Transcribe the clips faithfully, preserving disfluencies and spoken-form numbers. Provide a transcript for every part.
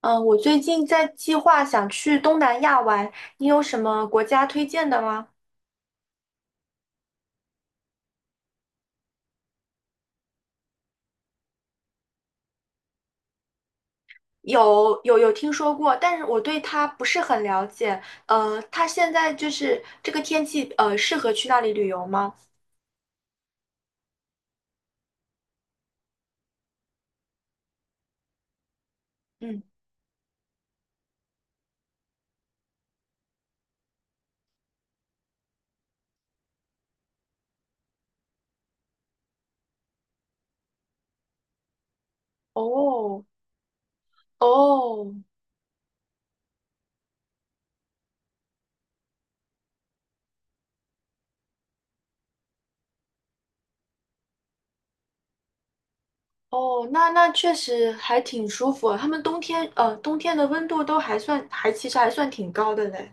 嗯，呃我最近在计划想去东南亚玩，你有什么国家推荐的吗？有有有听说过，但是我对它不是很了解。呃，它现在就是这个天气，呃，适合去那里旅游吗？嗯，哦哦哦，那那确实还挺舒服啊。他们冬天，呃，冬天的温度都还算，还其实还算挺高的嘞。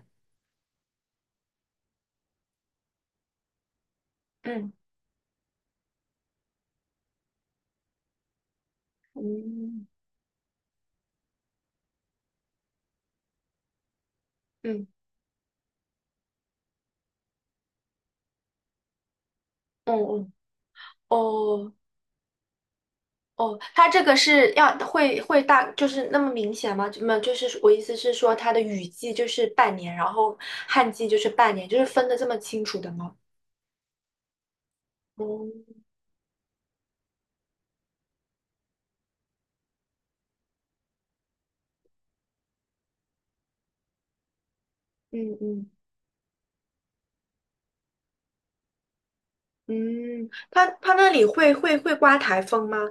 嗯嗯嗯嗯嗯哦。哦，它这个是要会会大，就是那么明显吗？没么就是我意思是说，它的雨季就是半年，然后旱季就是半年，就是分的这么清楚的吗？哦，嗯嗯嗯，它它那里会会会刮台风吗？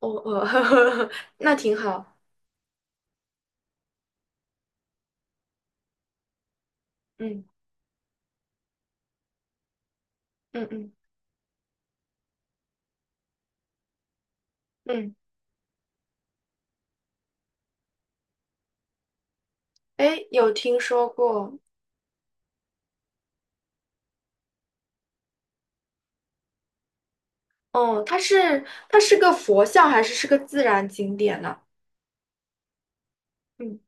哦哦，那挺好。嗯嗯嗯嗯，哎，有听说过。哦，它是它是个佛像还是是个自然景点呢？嗯，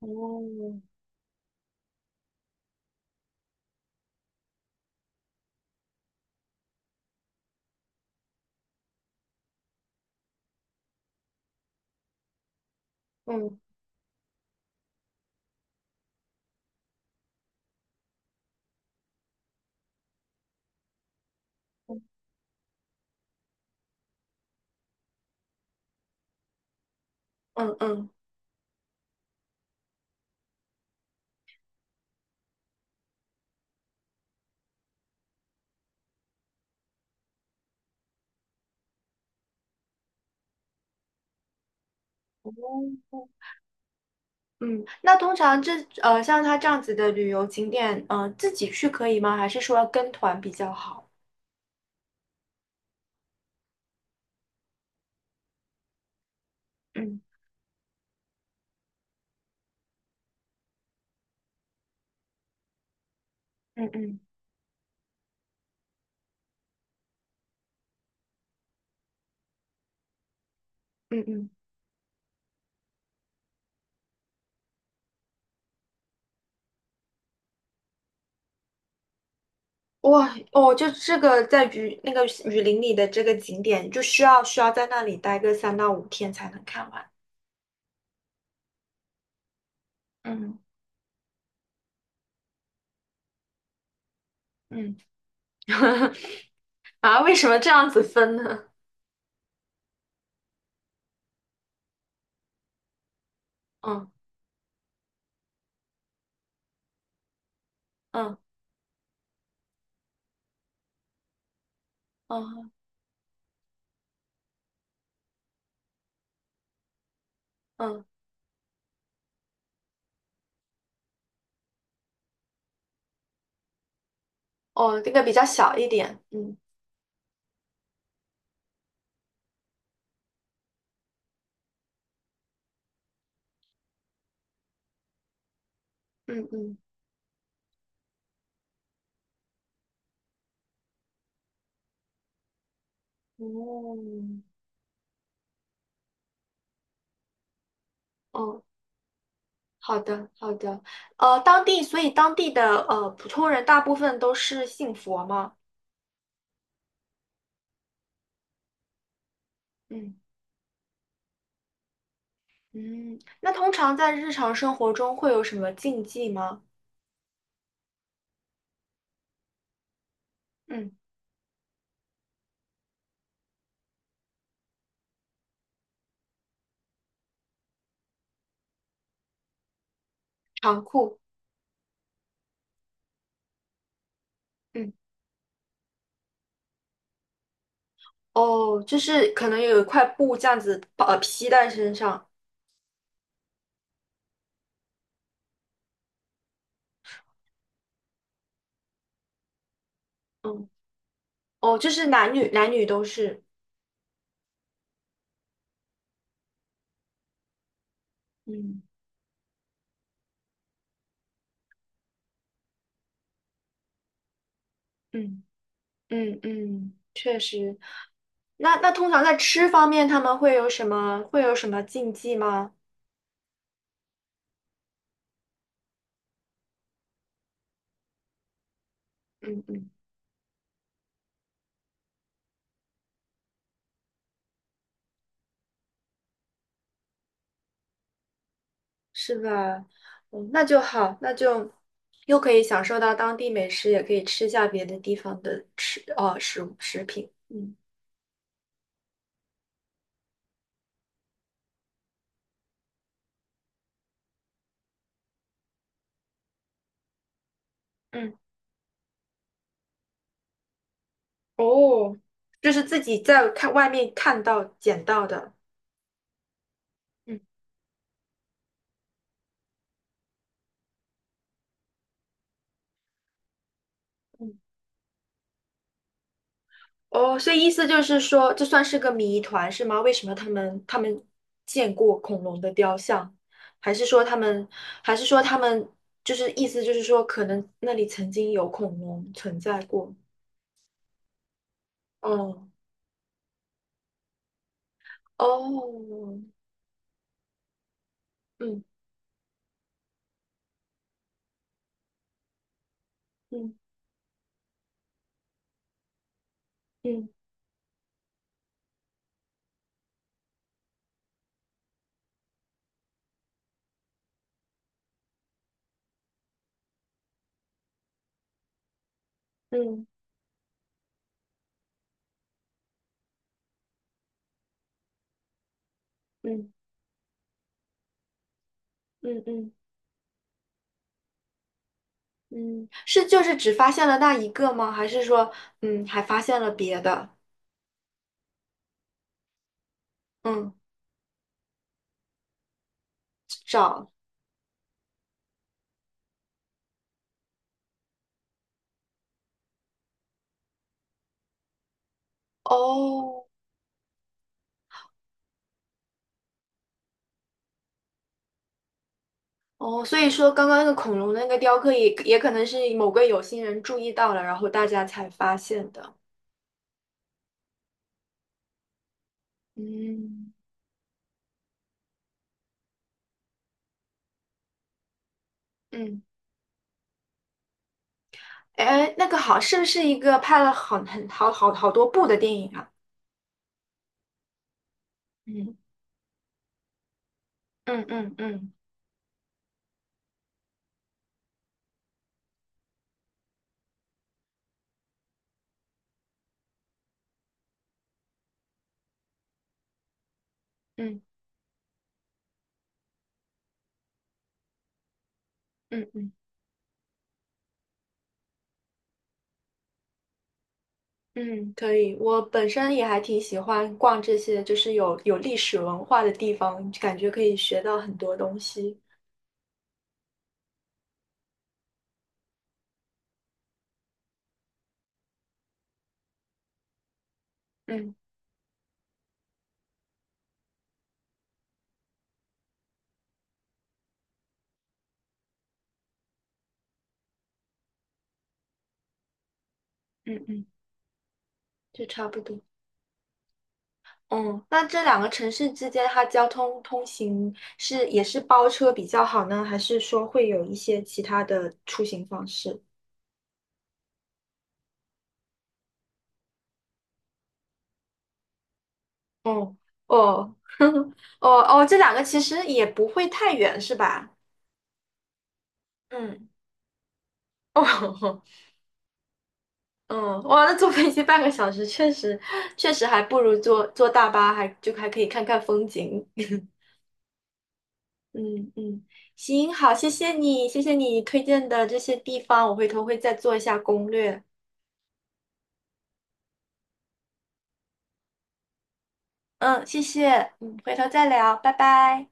哦，嗯嗯嗯嗯，哦。嗯，那通常这呃像它这样子的旅游景点，呃，自己去可以吗？还是说要跟团比较好？嗯嗯嗯嗯嗯，哇哦，就这个在雨那个雨林里的这个景点，就需要需要在那里待个三到五天才能看完。嗯嗯，啊，为什么这样子分呢？嗯嗯嗯嗯，哦，这个比较小一点。嗯嗯嗯，哦哦。好的，好的。呃，当地，所以当地的呃普通人大部分都是信佛吗？嗯嗯。那通常在日常生活中会有什么禁忌吗？嗯，长裤。嗯，哦，就是可能有一块布这样子把呃披在身上。嗯，哦，就是男女男女都是。嗯嗯嗯嗯，确实。那那通常在吃方面，他们会有什么会有什么禁忌吗？嗯嗯。是吧？嗯，那就好，那就又可以享受到当地美食，也可以吃下别的地方的吃哦食物食品。嗯嗯，哦，就是自己在看外面看到捡到的。嗯嗯，哦，所以意思就是说，这算是个谜团是吗？为什么他们他们见过恐龙的雕像，还是说他们还是说他们就是意思就是说，可能那里曾经有恐龙存在过？哦哦，嗯。嗯嗯嗯嗯嗯嗯嗯，是就是只发现了那一个吗？还是说，嗯，还发现了别的？嗯，找哦哦，所以说刚刚那个恐龙的那个雕刻也也可能是某个有心人注意到了，然后大家才发现的。嗯嗯，哎，那个好，是不是一个拍了很很好好好多部的电影啊？嗯嗯嗯嗯嗯嗯嗯。嗯，可以。我本身也还挺喜欢逛这些，就是有有历史文化的地方，感觉可以学到很多东西。嗯嗯嗯，就差不多。嗯，那这两个城市之间，它交通通行是也是包车比较好呢，还是说会有一些其他的出行方式？哦哦 哦哦，这两个其实也不会太远，是吧？嗯，哦 嗯，哇，那坐飞机半个小时，确实确实还不如坐坐大巴，还就还可以看看风景。嗯嗯，行，好，谢谢你，谢谢你推荐的这些地方，我回头会再做一下攻略。嗯，谢谢，嗯，回头再聊，拜拜。